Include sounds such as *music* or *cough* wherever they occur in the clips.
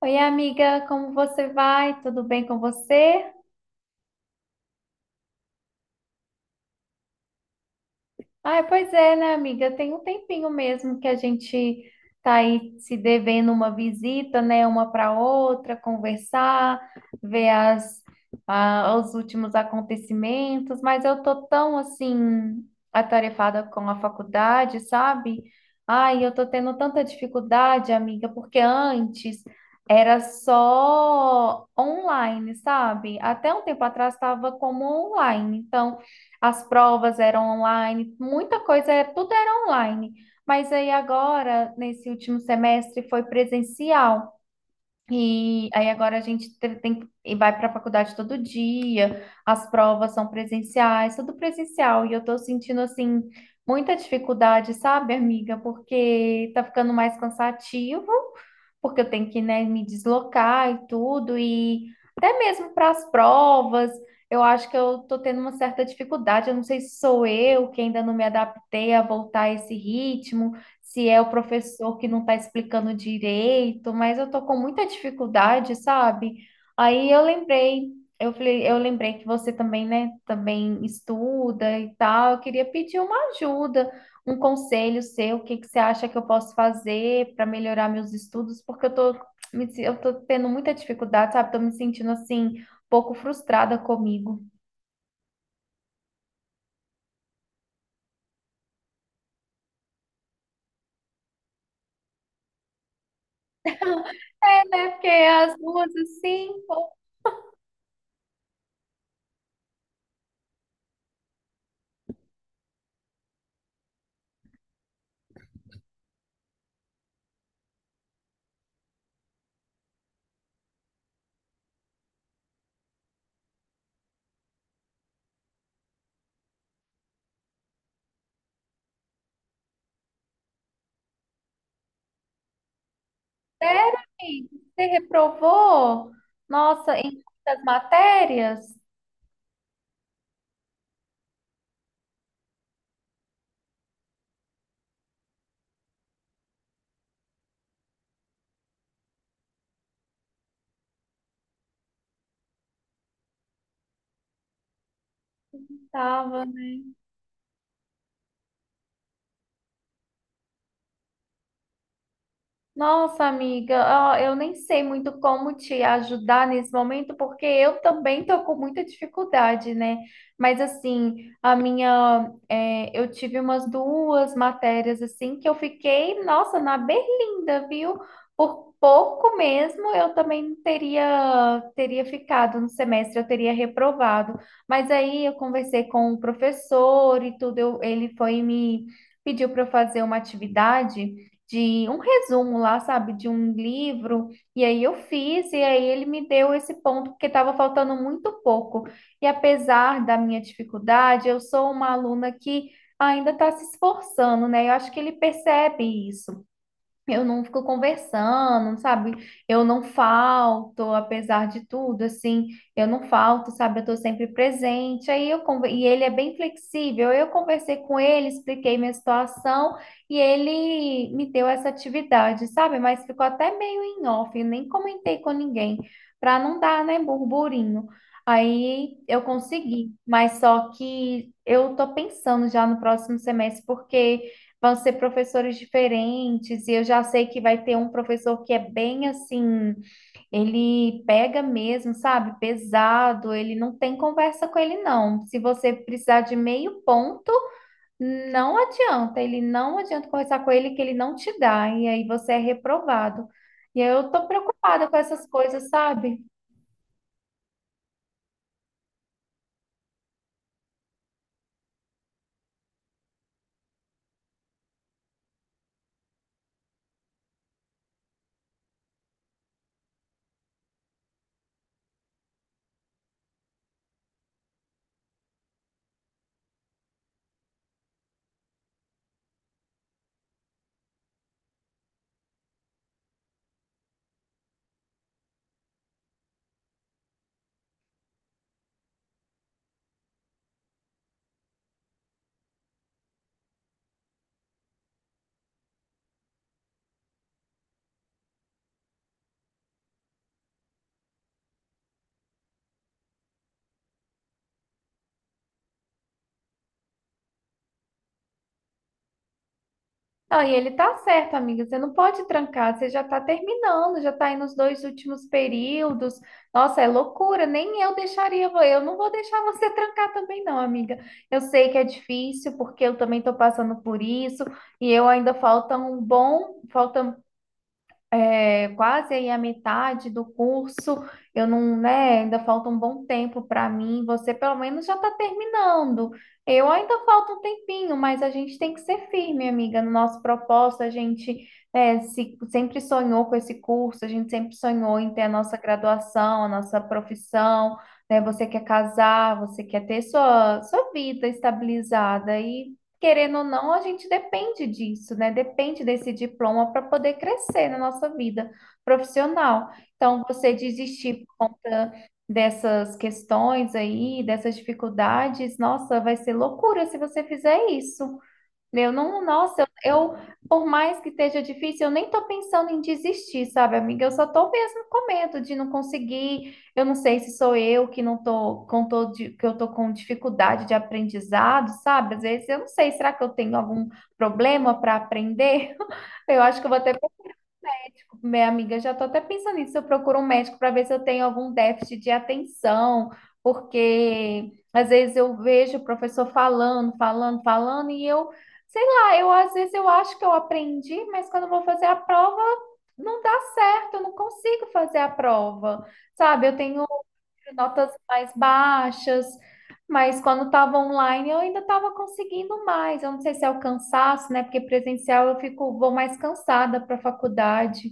Oi, amiga, como você vai? Tudo bem com você? Ah, pois é, né, amiga? Tem um tempinho mesmo que a gente tá aí se devendo uma visita, né, uma para outra, conversar, ver os últimos acontecimentos, mas eu tô tão assim atarefada com a faculdade, sabe? Ai, eu tô tendo tanta dificuldade, amiga, porque antes era só online, sabe? Até um tempo atrás estava como online, então as provas eram online, muita coisa, tudo era online. Mas aí agora, nesse último semestre, foi presencial. E aí agora a gente tem, e vai para a faculdade todo dia, as provas são presenciais, tudo presencial, e eu tô sentindo assim muita dificuldade, sabe, amiga? Porque tá ficando mais cansativo, porque eu tenho que, né, me deslocar e tudo, e até mesmo para as provas, eu acho que eu tô tendo uma certa dificuldade, eu não sei se sou eu que ainda não me adaptei a voltar a esse ritmo, se é o professor que não está explicando direito, mas eu tô com muita dificuldade, sabe? Aí eu lembrei, eu falei, eu lembrei que você também, né, também estuda e tal. Eu queria pedir uma ajuda, um conselho seu, o que que você acha que eu posso fazer para melhorar meus estudos, porque eu tô, me se- eu tô tendo muita dificuldade, sabe? Tô me sentindo assim, um pouco frustrada comigo. É, né? Porque as duas assim, sério, amigo? Você reprovou? Nossa, em muitas matérias? Tava, né? Nossa, amiga, ó, eu nem sei muito como te ajudar nesse momento, porque eu também tô com muita dificuldade, né? Mas assim, a minha, é, eu tive umas duas matérias assim que eu fiquei, nossa, na berlinda, viu? Por pouco mesmo, eu também teria ficado no semestre, eu teria reprovado. Mas aí eu conversei com o professor e tudo, ele foi e me pediu para eu fazer uma atividade de um resumo lá, sabe, de um livro. E aí eu fiz, e aí ele me deu esse ponto, porque estava faltando muito pouco. E apesar da minha dificuldade, eu sou uma aluna que ainda está se esforçando, né? Eu acho que ele percebe isso. Eu não fico conversando, sabe? Eu não falto, apesar de tudo, assim, eu não falto, sabe? Eu tô sempre presente. Aí eu e ele é bem flexível. Eu conversei com ele, expliquei minha situação e ele me deu essa atividade, sabe? Mas ficou até meio em off, eu nem comentei com ninguém, para não dar, né, burburinho. Aí eu consegui, mas só que eu tô pensando já no próximo semestre, porque vão ser professores diferentes, e eu já sei que vai ter um professor que é bem assim, ele pega mesmo, sabe? Pesado, ele não tem conversa com ele, não. Se você precisar de meio ponto, não adianta, ele não adianta conversar com ele que ele não te dá, e aí você é reprovado. E aí eu tô preocupada com essas coisas, sabe? Não, e ele tá certo, amiga. Você não pode trancar, você já tá terminando, já tá aí nos dois últimos períodos. Nossa, é loucura, nem eu deixaria, eu não vou deixar você *laughs* trancar também, não, amiga. Eu sei que é difícil, porque eu também tô passando por isso, e eu ainda falta um bom, falta é, quase aí a metade do curso, eu não, né, ainda falta um bom tempo para mim, você pelo menos já está terminando. Eu ainda falta um tempinho, mas a gente tem que ser firme, amiga, no nosso propósito, a gente é, sempre sonhou com esse curso, a gente sempre sonhou em ter a nossa graduação, a nossa profissão, né? Você quer casar, você quer ter sua vida estabilizada e, querendo ou não, a gente depende disso, né? Depende desse diploma para poder crescer na nossa vida profissional. Então, você desistir por conta dessas questões aí, dessas dificuldades, nossa, vai ser loucura se você fizer isso. Eu não, nossa, por mais que esteja difícil, eu nem tô pensando em desistir, sabe, amiga? Eu só tô mesmo com medo de não conseguir. Eu não sei se sou eu que não tô com tô que eu tô com dificuldade de aprendizado, sabe? Às vezes eu não sei, será que eu tenho algum problema para aprender? *laughs* Eu acho que eu vou ter, minha amiga, já estou até pensando nisso. Eu procuro um médico para ver se eu tenho algum déficit de atenção, porque às vezes eu vejo o professor falando, falando, falando, e eu, sei lá, eu às vezes eu acho que eu aprendi, mas quando eu vou fazer a prova, não dá certo, eu não consigo fazer a prova, sabe? Eu tenho notas mais baixas, mas quando estava online eu ainda estava conseguindo mais. Eu não sei se é o cansaço, né? Porque presencial eu fico, vou mais cansada para a faculdade.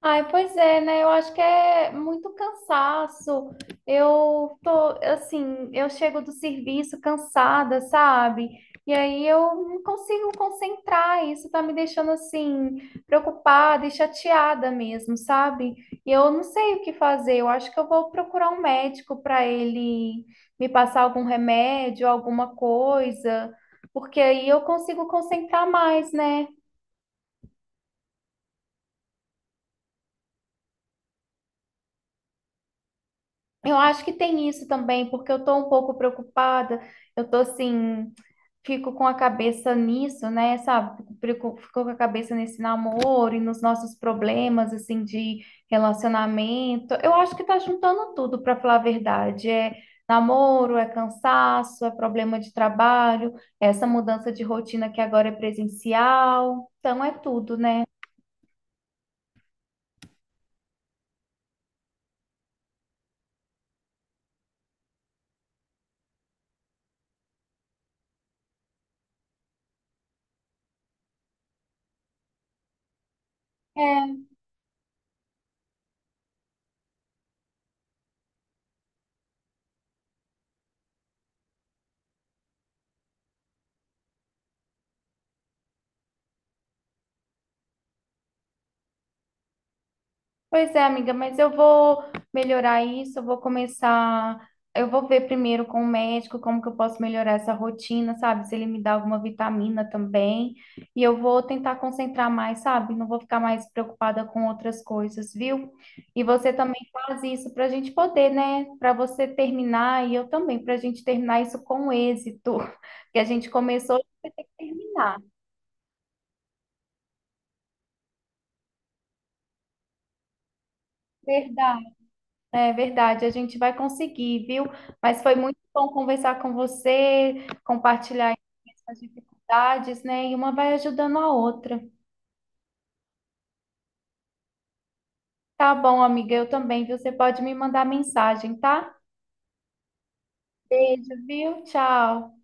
Ai, pois é, né? Eu acho que é muito cansaço. Eu tô, assim, eu chego do serviço cansada, sabe? E aí eu não consigo concentrar. Isso tá me deixando, assim, preocupada e chateada mesmo, sabe? E eu não sei o que fazer. Eu acho que eu vou procurar um médico para ele me passar algum remédio, alguma coisa, porque aí eu consigo concentrar mais, né? Eu acho que tem isso também, porque eu estou um pouco preocupada. Eu tô assim, fico com a cabeça nisso, né? Sabe? Fico, fico com a cabeça nesse namoro e nos nossos problemas, assim, de relacionamento. Eu acho que tá juntando tudo, para falar a verdade. É namoro, é cansaço, é problema de trabalho, é essa mudança de rotina que agora é presencial. Então é tudo, né? É. Pois é, amiga, mas eu vou melhorar isso, eu vou começar, eu vou ver primeiro com o médico como que eu posso melhorar essa rotina, sabe? Se ele me dá alguma vitamina também. E eu vou tentar concentrar mais, sabe? Não vou ficar mais preocupada com outras coisas, viu? E você também faz isso para a gente poder, né? Para você terminar e eu também, para a gente terminar isso com êxito, *laughs* que a gente começou a terminar. Verdade. É verdade, a gente vai conseguir, viu? Mas foi muito bom conversar com você, compartilhar essas dificuldades, né? E uma vai ajudando a outra. Tá bom, amiga, eu também, viu? Você pode me mandar mensagem, tá? Beijo, viu? Tchau.